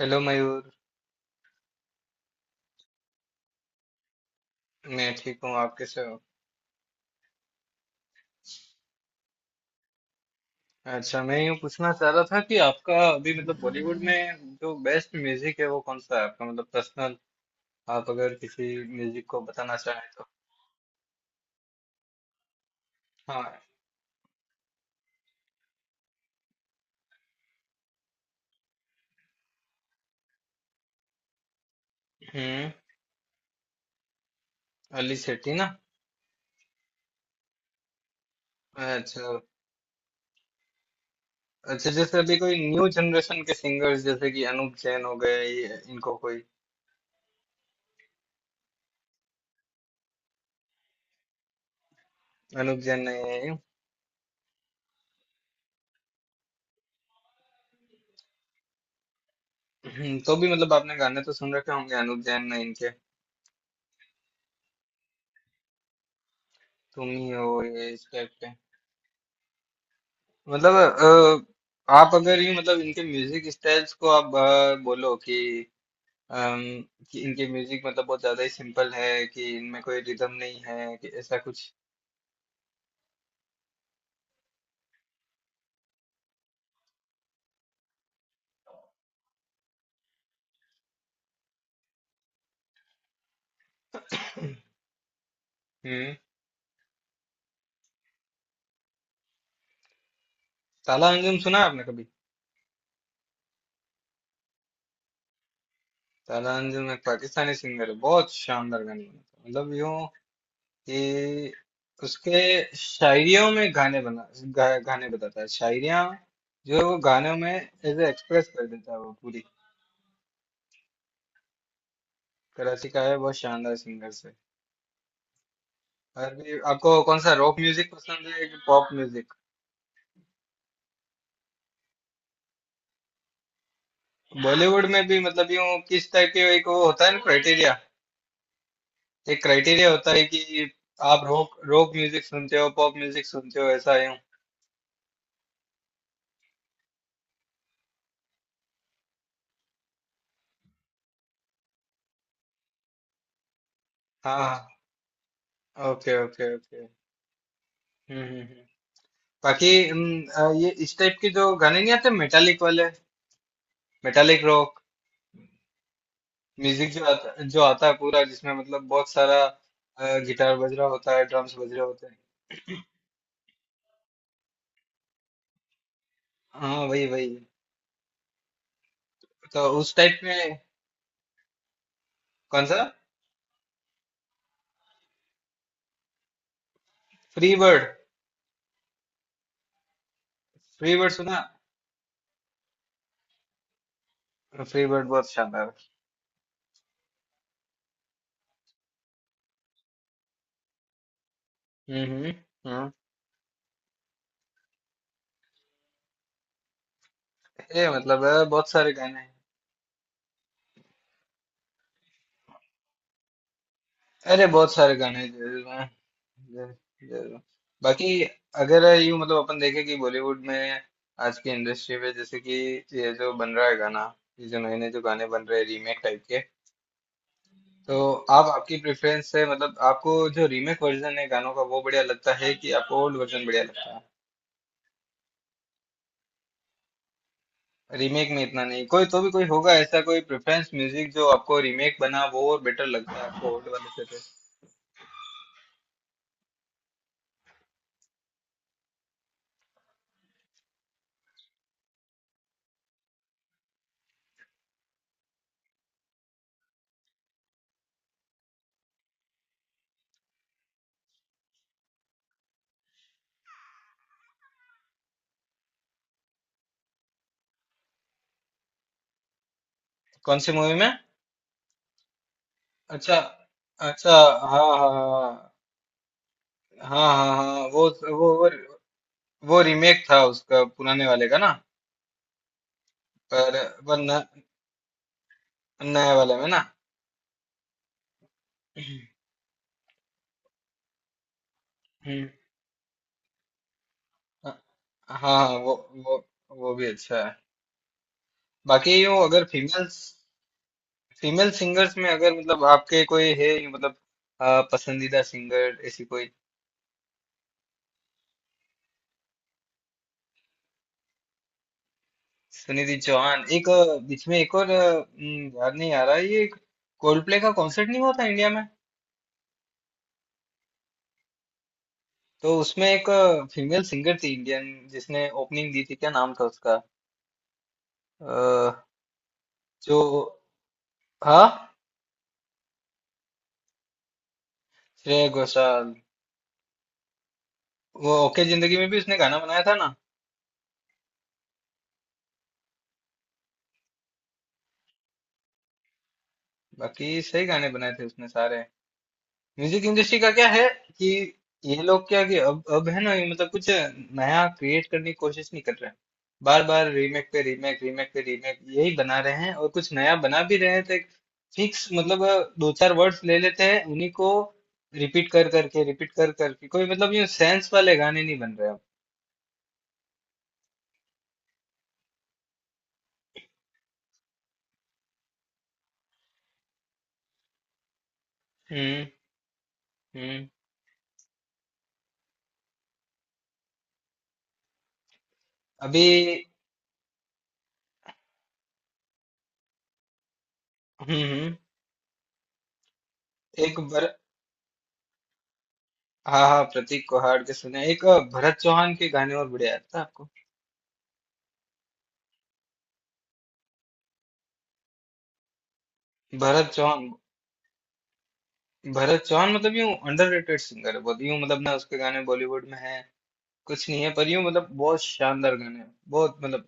Hello Mayur. मैं ठीक हूँ, आप कैसे हो? अच्छा, मैं यूँ पूछना चाह रहा था कि आपका अभी मतलब बॉलीवुड में जो बेस्ट म्यूजिक है वो कौन सा है आपका, मतलब पर्सनल। आप अगर किसी म्यूजिक को बताना चाहें तो। हाँ। हम्म। अली सेठी ना। अच्छा। अच्छा, जैसे अभी कोई न्यू जनरेशन के सिंगर्स जैसे कि अनूप जैन हो गए, ये इनको कोई। अनूप जैन नहीं है? तो भी मतलब आपने गाने तो सुन रखे होंगे अनूप जैन ने, इनके। तुम ही हो, ये इस टाइप के। मतलब आप अगर ये मतलब इनके म्यूजिक स्टाइल्स को आप बोलो कि, अम, कि इनके म्यूजिक मतलब बहुत ज्यादा ही सिंपल है, कि इनमें कोई रिदम नहीं है, कि ऐसा कुछ। हम्म। ताला अंजुम सुना है आपने कभी? ताला अंजुम एक पाकिस्तानी सिंगर है, बहुत शानदार गाने बनाता है, मतलब यूं कि उसके शायरियों में गाने बताता है, शायरियां जो है वो गानों में एज एक्सप्रेस कर देता है वो पूरी। कराची का है, बहुत शानदार सिंगर। अभी आपको कौन सा रॉक म्यूजिक पसंद है कि पॉप म्यूजिक? बॉलीवुड में भी मतलब यूं किस टाइप के, एक वो होता है ना क्राइटेरिया, एक क्राइटेरिया होता है कि आप रॉक रॉक म्यूजिक सुनते हो, पॉप म्यूजिक सुनते हो, ऐसा यूं। हाँ। Okay okay okay. हम्म हम्म हम्म। बाकी ये इस टाइप के जो गाने नहीं आते मेटालिक वाले, मेटालिक रॉक म्यूजिक जो आता है पूरा, जिसमें मतलब बहुत सारा गिटार बज रहा होता है, ड्रम्स बज रहे होते हैं। हाँ वही वही। तो उस टाइप में? कौन सा? Free bird. फ्री बर्ड सुना? फ्री बर्ड बहुत शानदार है। हम्म। ये मतलब है, बहुत सारे गाने हैं। अरे बहुत सारे गाने हैं, जरूर हैं, जरूर। जरूर। बाकी अगर यूं मतलब अपन देखें कि बॉलीवुड में, आज की इंडस्ट्री में जैसे कि ये जो बन रहा है गाना, ये जो नए नए जो गाने बन रहे हैं रीमेक टाइप के, तो आप आपकी प्रेफरेंस से मतलब आपको जो रीमेक वर्जन है गानों का वो बढ़िया लगता है, कि आपको ओल्ड वर्जन बढ़िया लगता है? रीमेक में इतना नहीं कोई, तो भी कोई होगा ऐसा कोई प्रेफरेंस म्यूजिक जो आपको रीमेक बना वो और बेटर लगता है आपको ओल्ड वाले से तो। कौन सी मूवी में? अच्छा। अच्छा। हाँ हाँ हाँ। हाँ हाँ हाँ, वो, वो रीमेक था उसका पुराने वाले का ना? पर पर नए वाले में ना। हम्म। हाँ हाँ, वो वो भी अच्छा है। बाकी यूँ अगर फीमेल सिंगर्स में अगर मतलब आपके कोई है यूँ मतलब पसंदीदा सिंगर ऐसी कोई? सुनिधि चौहान। एक बीच में एक और याद नहीं आ रहा है, ये कोल्डप्ले का कॉन्सर्ट नहीं हुआ था इंडिया में? तो उसमें एक फीमेल सिंगर थी इंडियन, जिसने ओपनिंग दी थी, क्या नाम था उसका? अ, जो हाँ, श्रेया घोषाल। वो ओके जिंदगी में भी उसने गाना बनाया था ना? बाकी सही गाने बनाए थे उसने सारे। म्यूजिक इंडस्ट्री का क्या है कि ये लोग क्या कि अब है ना, ये मतलब कुछ नया क्रिएट करने की कोशिश नहीं कर रहे हैं, बार बार रीमेक पे रीमेक, रीमेक पे रीमेक यही बना रहे हैं, और कुछ नया बना भी रहे हैं तो एक फिक्स मतलब दो चार वर्ड्स ले लेते हैं उन्हीं को, रिपीट कर करके रिपीट कर करके, कोई मतलब ये सेंस वाले गाने नहीं बन रहे अब। हम्म हम्म। अभी। हम्म। एक बर। हाँ हाँ, प्रतीक को हार के सुने एक भरत चौहान के गाने और बढ़िया लगता है आपको? भरत चौहान। भरत चौहान मतलब यूं अंडररेटेड सिंगर है, बहुत यूं मतलब ना, उसके गाने बॉलीवुड में है कुछ नहीं है, पर यूं मतलब बहुत शानदार गाने हैं, बहुत मतलब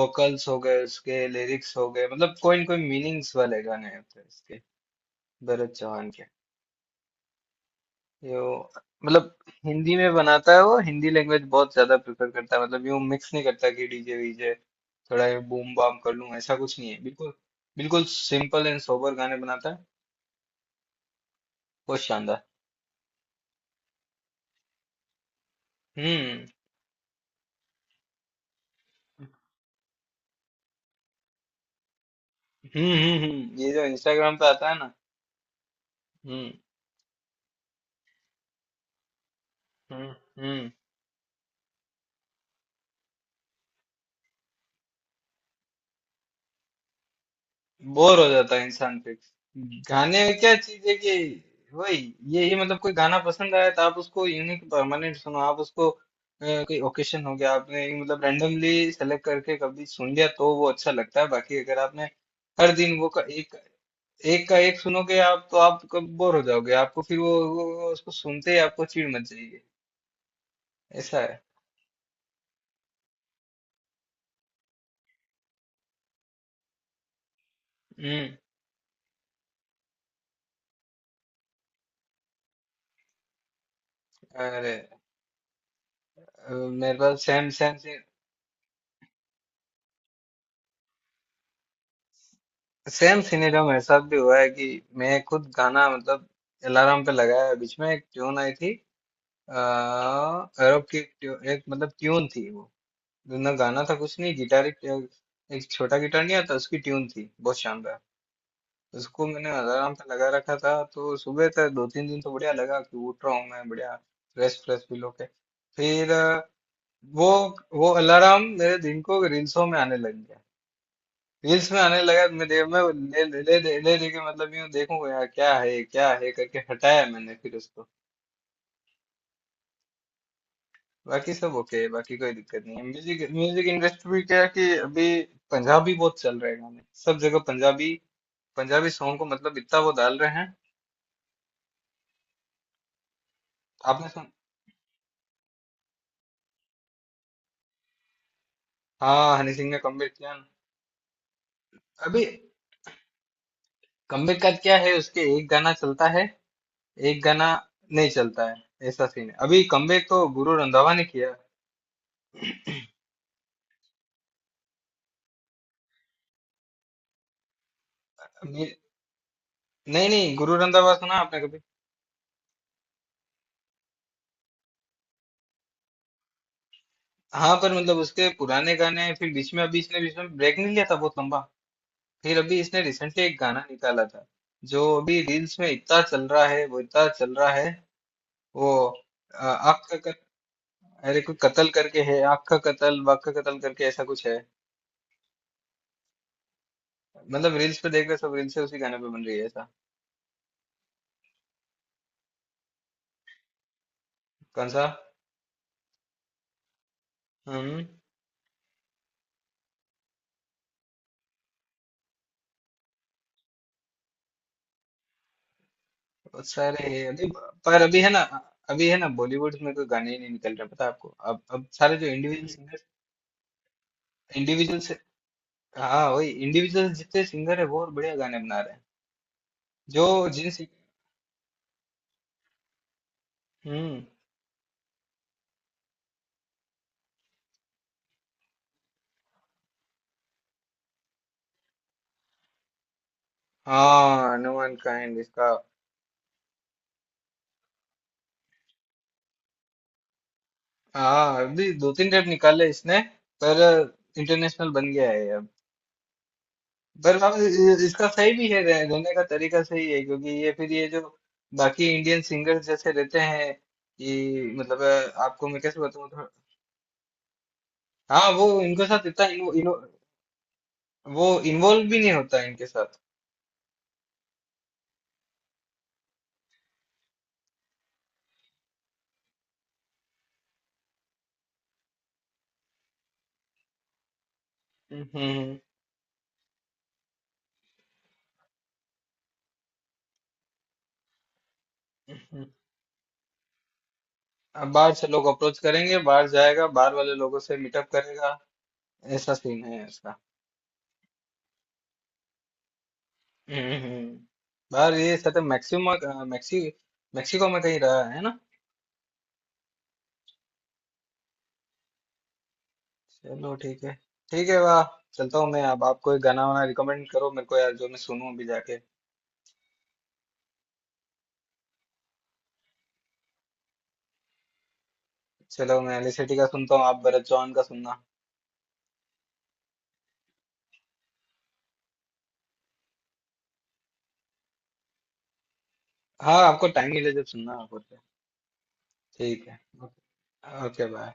वोकल्स हो गए उसके, लिरिक्स हो गए, मतलब कोई न कोई मीनिंग्स वाले गाने हैं तो इसके, भरत चौहान के। यो मतलब हिंदी में बनाता है वो, हिंदी लैंग्वेज बहुत ज्यादा प्रेफर करता है, मतलब यूं मिक्स नहीं करता कि डीजे वीजे थोड़ा ये बूम बाम कर लूं, ऐसा कुछ नहीं है बिल्कुल। बिल्कुल सिंपल एंड सोबर गाने बनाता है, बहुत शानदार। हम्म हम्म। ये जो इंस्टाग्राम पे आता है ना। हम्म हम्म हम्म। बोर हो जाता है इंसान फिर। गाने में क्या चीज है कि वही, यही मतलब कोई गाना पसंद आया तो आप उसको यूनिक परमानेंट सुनो, आप उसको कोई ओकेशन हो गया आपने मतलब रैंडमली सेलेक्ट करके कभी सुन लिया तो वो अच्छा लगता है, बाकी अगर आपने हर दिन वो का एक, एक का एक सुनोगे आप तो आप कब बोर हो जाओगे, आपको फिर वो उसको सुनते ही आपको चिढ़ मच जाएगी। ऐसा है। हम्म। अरे मेरे पास सेम सेम सेम सिनेरियो मेरे साथ भी हुआ है, कि मैं खुद गाना मतलब अलार्म पे लगाया है। बीच में एक ट्यून आई थी, एक मतलब ट्यून थी वो, ना गाना था कुछ नहीं, गिटार एक, एक छोटा गिटार नहीं आता, उसकी ट्यून थी बहुत शानदार। उसको मैंने अलार्म पे लगा रखा था, तो सुबह तक दो तीन दिन तो बढ़िया लगा कि उठ रहा हूँ मैं बढ़िया फ्रेश फ्रेश फील होके। फिर वो वो अलार्म मेरे दिन को रील्सों में आने लग गया, रील्स में आने लगा, मैं दे मैं वो ले ले ले ले ले- लेके मतलब यूं देखूंगा यार क्या है ये, क्या है करके हटाया मैंने फिर उसको। बाकी सब ओके है, बाकी कोई दिक्कत नहीं है। म्यूजिक म्यूजिक इंडस्ट्री में क्या है कि अभी पंजाबी बहुत चल रहे हैं गाने सब जगह, पंजाबी पंजाबी सॉन्ग को मतलब इतना वो डाल रहे हैं। आपने सुन। हाँ, हनी सिंह ने कमबैक किया ना। अभी कमबैक का क्या है, उसके एक गाना चलता है एक गाना नहीं चलता है ऐसा सीन है, अभी कमबैक तो गुरु रंधावा ने किया। मे- नहीं नहीं, गुरु रंधावा सुना आपने कभी? हाँ पर मतलब उसके पुराने गाने, फिर बीच में अभी इसने बीच में ब्रेक नहीं लिया था बहुत लंबा, फिर अभी इसने रिसेंटली एक गाना निकाला था जो अभी रील्स में इतना चल रहा है वो, इतना चल रहा है वो अ, आँख का कत, अरे कोई कत्ल करके है, आँख का कत्ल, वाक का कत्ल करके, ऐसा कुछ है। मतलब रील्स पे देख रहे सब, रील्स से उसी गाने पे बन रही है ऐसा। कौन सा? हम्म। बहुत सारे है अभी, पर अभी है ना, अभी है ना बॉलीवुड में कोई गाने ही नहीं निकल रहे, पता है आपको? अब सारे जो इंडिविजुअल सिंगर, इंडिविजुअल। हाँ वही इंडिविजुअल जितने सिंगर है बहुत बढ़िया गाने बना रहे हैं, जो जिन सिं- हम्म। हाँ, नो वन काइंड इसका। हाँ अभी दो तीन टेप निकाले इसने, पर इंटरनेशनल बन गया है ये अब। पर अब इसका सही भी है, रहने का तरीका सही है, क्योंकि ये, फिर ये जो बाकी इंडियन सिंगर्स जैसे रहते हैं, ये मतलब आपको मैं कैसे बताऊँ थोड़ा। हाँ वो इनके साथ इतना इन्वो, इन्वो, वो इन्वॉल्व भी नहीं होता इनके साथ। हम्म हम्म, हम्म। अब बाहर से लोग अप्रोच करेंगे, बाहर जाएगा, बाहर वाले लोगों से मीटअप करेगा, ऐसा सीन है इसका। हम्म हम्म। बाहर ये सत्य मैक्सिमा मैक्सी मेक्सिको में कहीं रहा है ना? चलो ठीक है। ठीक है, वाह। चलता हूँ मैं अब, आप कोई गाना वाना रिकमेंड करो मेरे को यार जो मैं सुनूं अभी जाके। चलो मैं एलिसिटी का सुनता हूँ, आप भरत चौहान का सुनना। हाँ आपको टाइम मिले जब सुनना आपको। ठीक है। Okay bye.